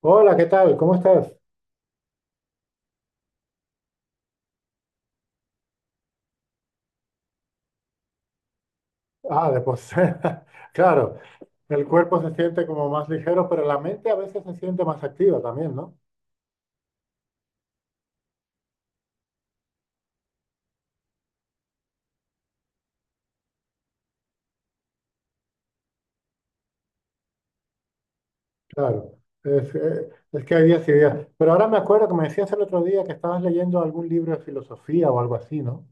Hola, ¿qué tal? ¿Cómo estás? Ah, de postura. Claro, el cuerpo se siente como más ligero, pero la mente a veces se siente más activa también, ¿no? Claro, es que hay días y días. Pero ahora me acuerdo que me decías el otro día que estabas leyendo algún libro de filosofía o algo así, ¿no?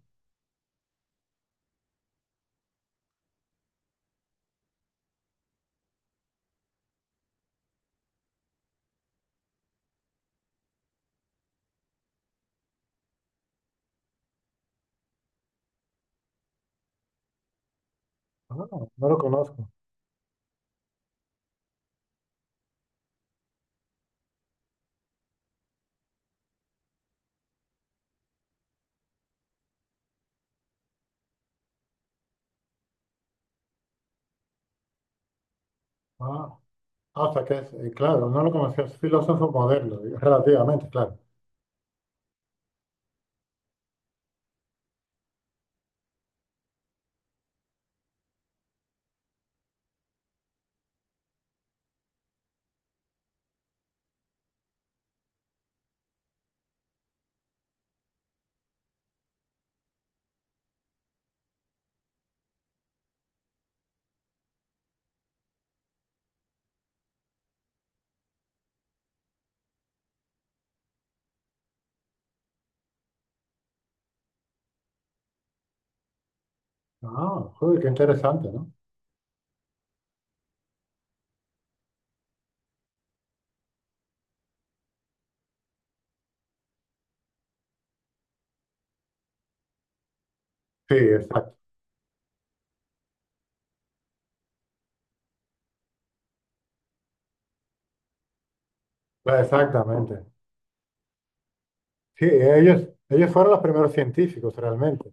Ah, no lo conozco. Ah, ah, o sea que es, claro, no lo conocía, es filósofo moderno, digo, relativamente, claro. Ah, joder, qué interesante, ¿no? Sí, exacto, exactamente. Sí, ellos fueron los primeros científicos realmente.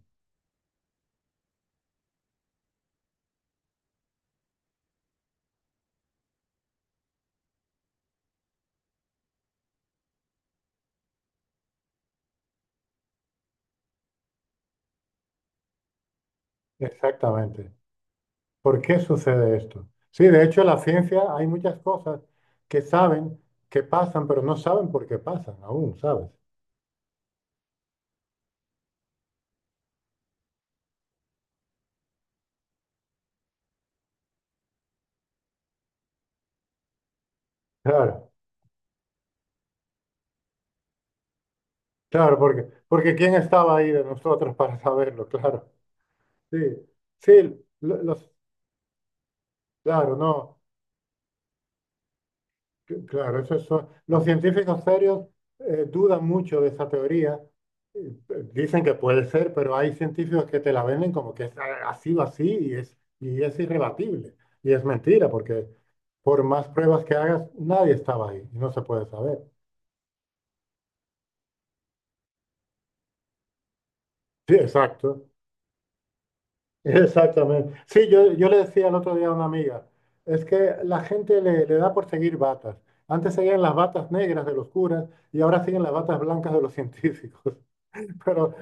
Exactamente. ¿Por qué sucede esto? Sí, de hecho, la ciencia hay muchas cosas que saben que pasan, pero no saben por qué pasan aún, ¿sabes? Claro, claro, porque, porque ¿quién estaba ahí de nosotros para saberlo? Claro. Sí, sí, los, claro, no, claro, eso es, los científicos serios dudan mucho de esa teoría. Dicen que puede ser, pero hay científicos que te la venden como que es así o así y es irrebatible. Y es mentira, porque por más pruebas que hagas, nadie estaba ahí y no se puede saber. Sí, exacto. Exactamente. Sí, yo le decía el otro día a una amiga, es que la gente le da por seguir batas. Antes seguían las batas negras de los curas y ahora siguen las batas blancas de los científicos. Pero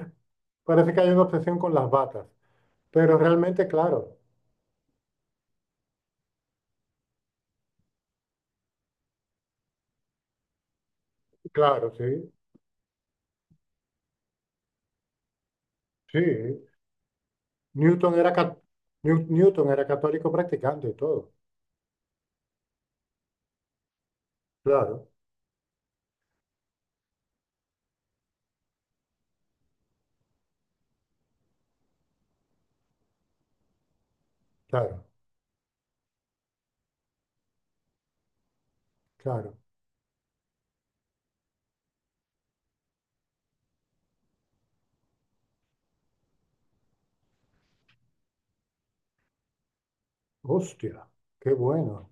parece que hay una obsesión con las batas. Pero realmente, claro, claro, sí, sí. Newton era, Newton era católico practicante y todo. Claro, claro, claro. Hostia, qué bueno.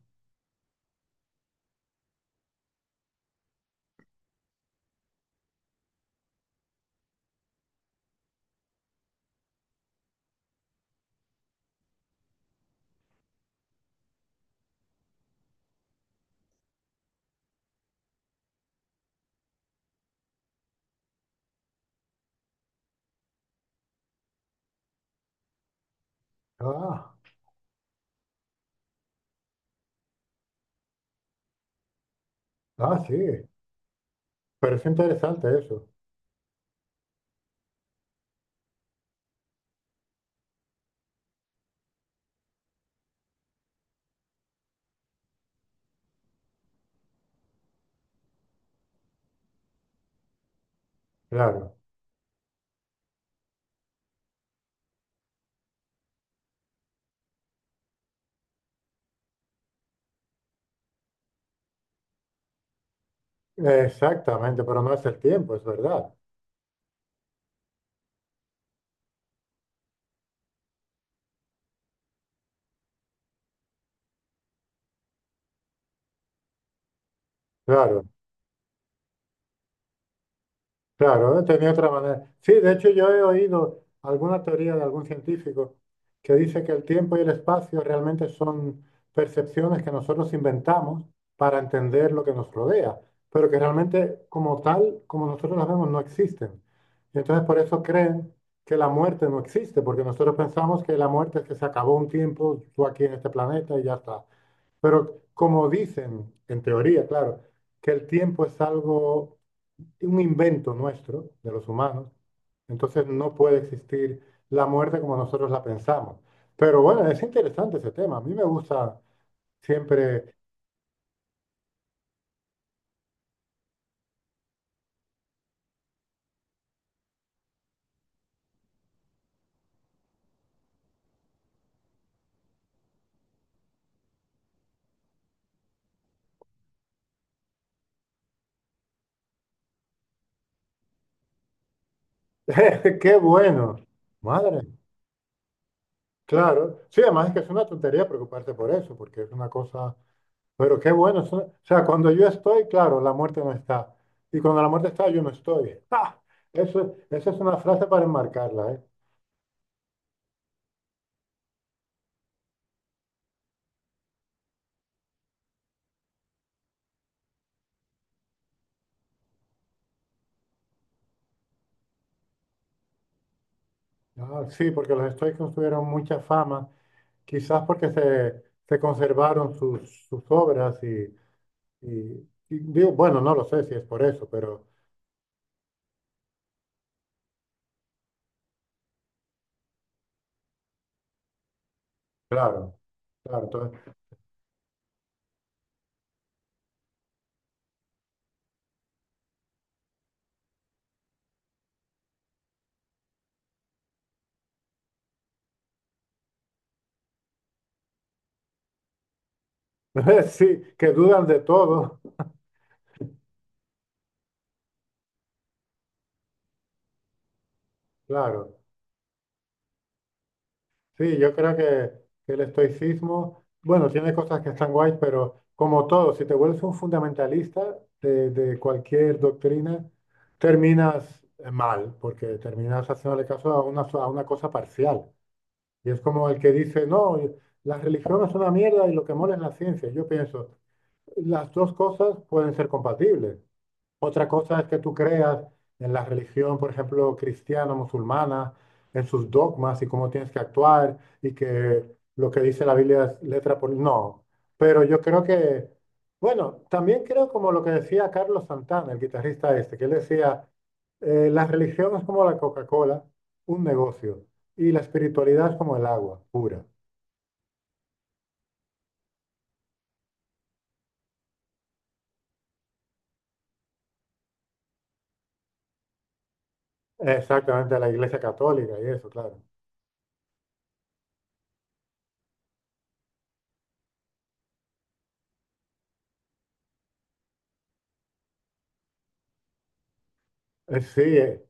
Ah. Ah, sí, pero es interesante eso, claro. Exactamente, pero no es el tiempo, es verdad. Claro, claro, tenía otra manera. Sí, de hecho yo he oído alguna teoría de algún científico que dice que el tiempo y el espacio realmente son percepciones que nosotros inventamos para entender lo que nos rodea, pero que realmente como tal, como nosotros las vemos, no existen. Y entonces por eso creen que la muerte no existe, porque nosotros pensamos que la muerte es que se acabó un tiempo, tú aquí en este planeta y ya está. Pero como dicen, en teoría, claro, que el tiempo es algo, un invento nuestro, de los humanos, entonces no puede existir la muerte como nosotros la pensamos. Pero bueno, es interesante ese tema. A mí me gusta siempre, qué bueno, madre, claro. Sí, además es que es una tontería preocuparse por eso, porque es una cosa, pero qué bueno. O sea, cuando yo estoy, claro, la muerte no está. Y cuando la muerte está, yo no estoy. ¡Ah! Eso, esa es una frase para enmarcarla, ¿eh? Ah, sí, porque los estoicos tuvieron mucha fama, quizás porque se conservaron sus obras y, y digo, bueno, no lo sé si es por eso, pero claro, claro, entonces, sí, que dudan de todo, claro. Sí, yo creo que el estoicismo, bueno, tiene cosas que están guays, pero como todo, si te vuelves un fundamentalista de cualquier doctrina, terminas mal, porque terminas haciéndole caso a una, a una cosa parcial. Y es como el que dice, no, la religión es una mierda y lo que mola es la ciencia. Yo pienso, las dos cosas pueden ser compatibles. Otra cosa es que tú creas en la religión, por ejemplo, cristiana, musulmana, en sus dogmas y cómo tienes que actuar y que lo que dice la Biblia es letra por... No, pero yo creo que, bueno, también creo como lo que decía Carlos Santana, el guitarrista este, que él decía, la religión es como la Coca-Cola, un negocio, y la espiritualidad es como el agua pura. Exactamente, la Iglesia Católica y eso, claro. Sí,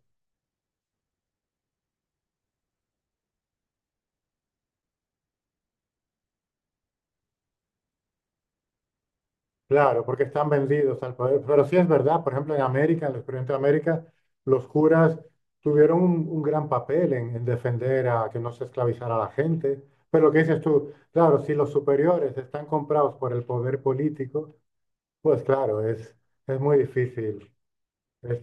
claro, porque están vendidos al poder. Pero sí es verdad, por ejemplo, en América, en los experimento de América, los curas tuvieron un gran papel en defender a que no se esclavizara a la gente. Pero lo que dices tú, claro, si los superiores están comprados por el poder político, pues claro, es muy difícil. Es,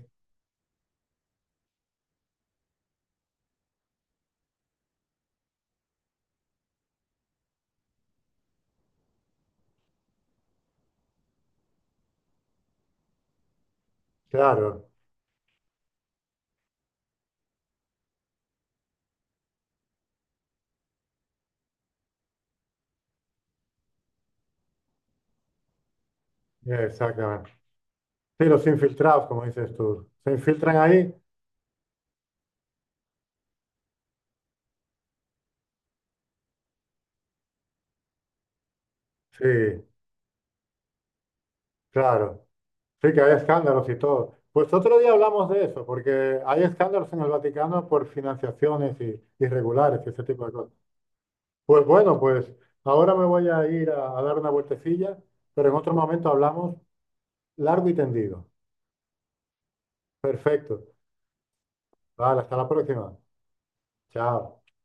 claro, yeah, exactamente. Sí, los infiltrados, como dices tú, se infiltran ahí, sí, claro. Sí, que hay escándalos y todo. Pues otro día hablamos de eso, porque hay escándalos en el Vaticano por financiaciones irregulares y ese tipo de cosas. Pues bueno, pues ahora me voy a ir a dar una vueltecilla, pero en otro momento hablamos largo y tendido. Perfecto. Vale, hasta la próxima. Chao.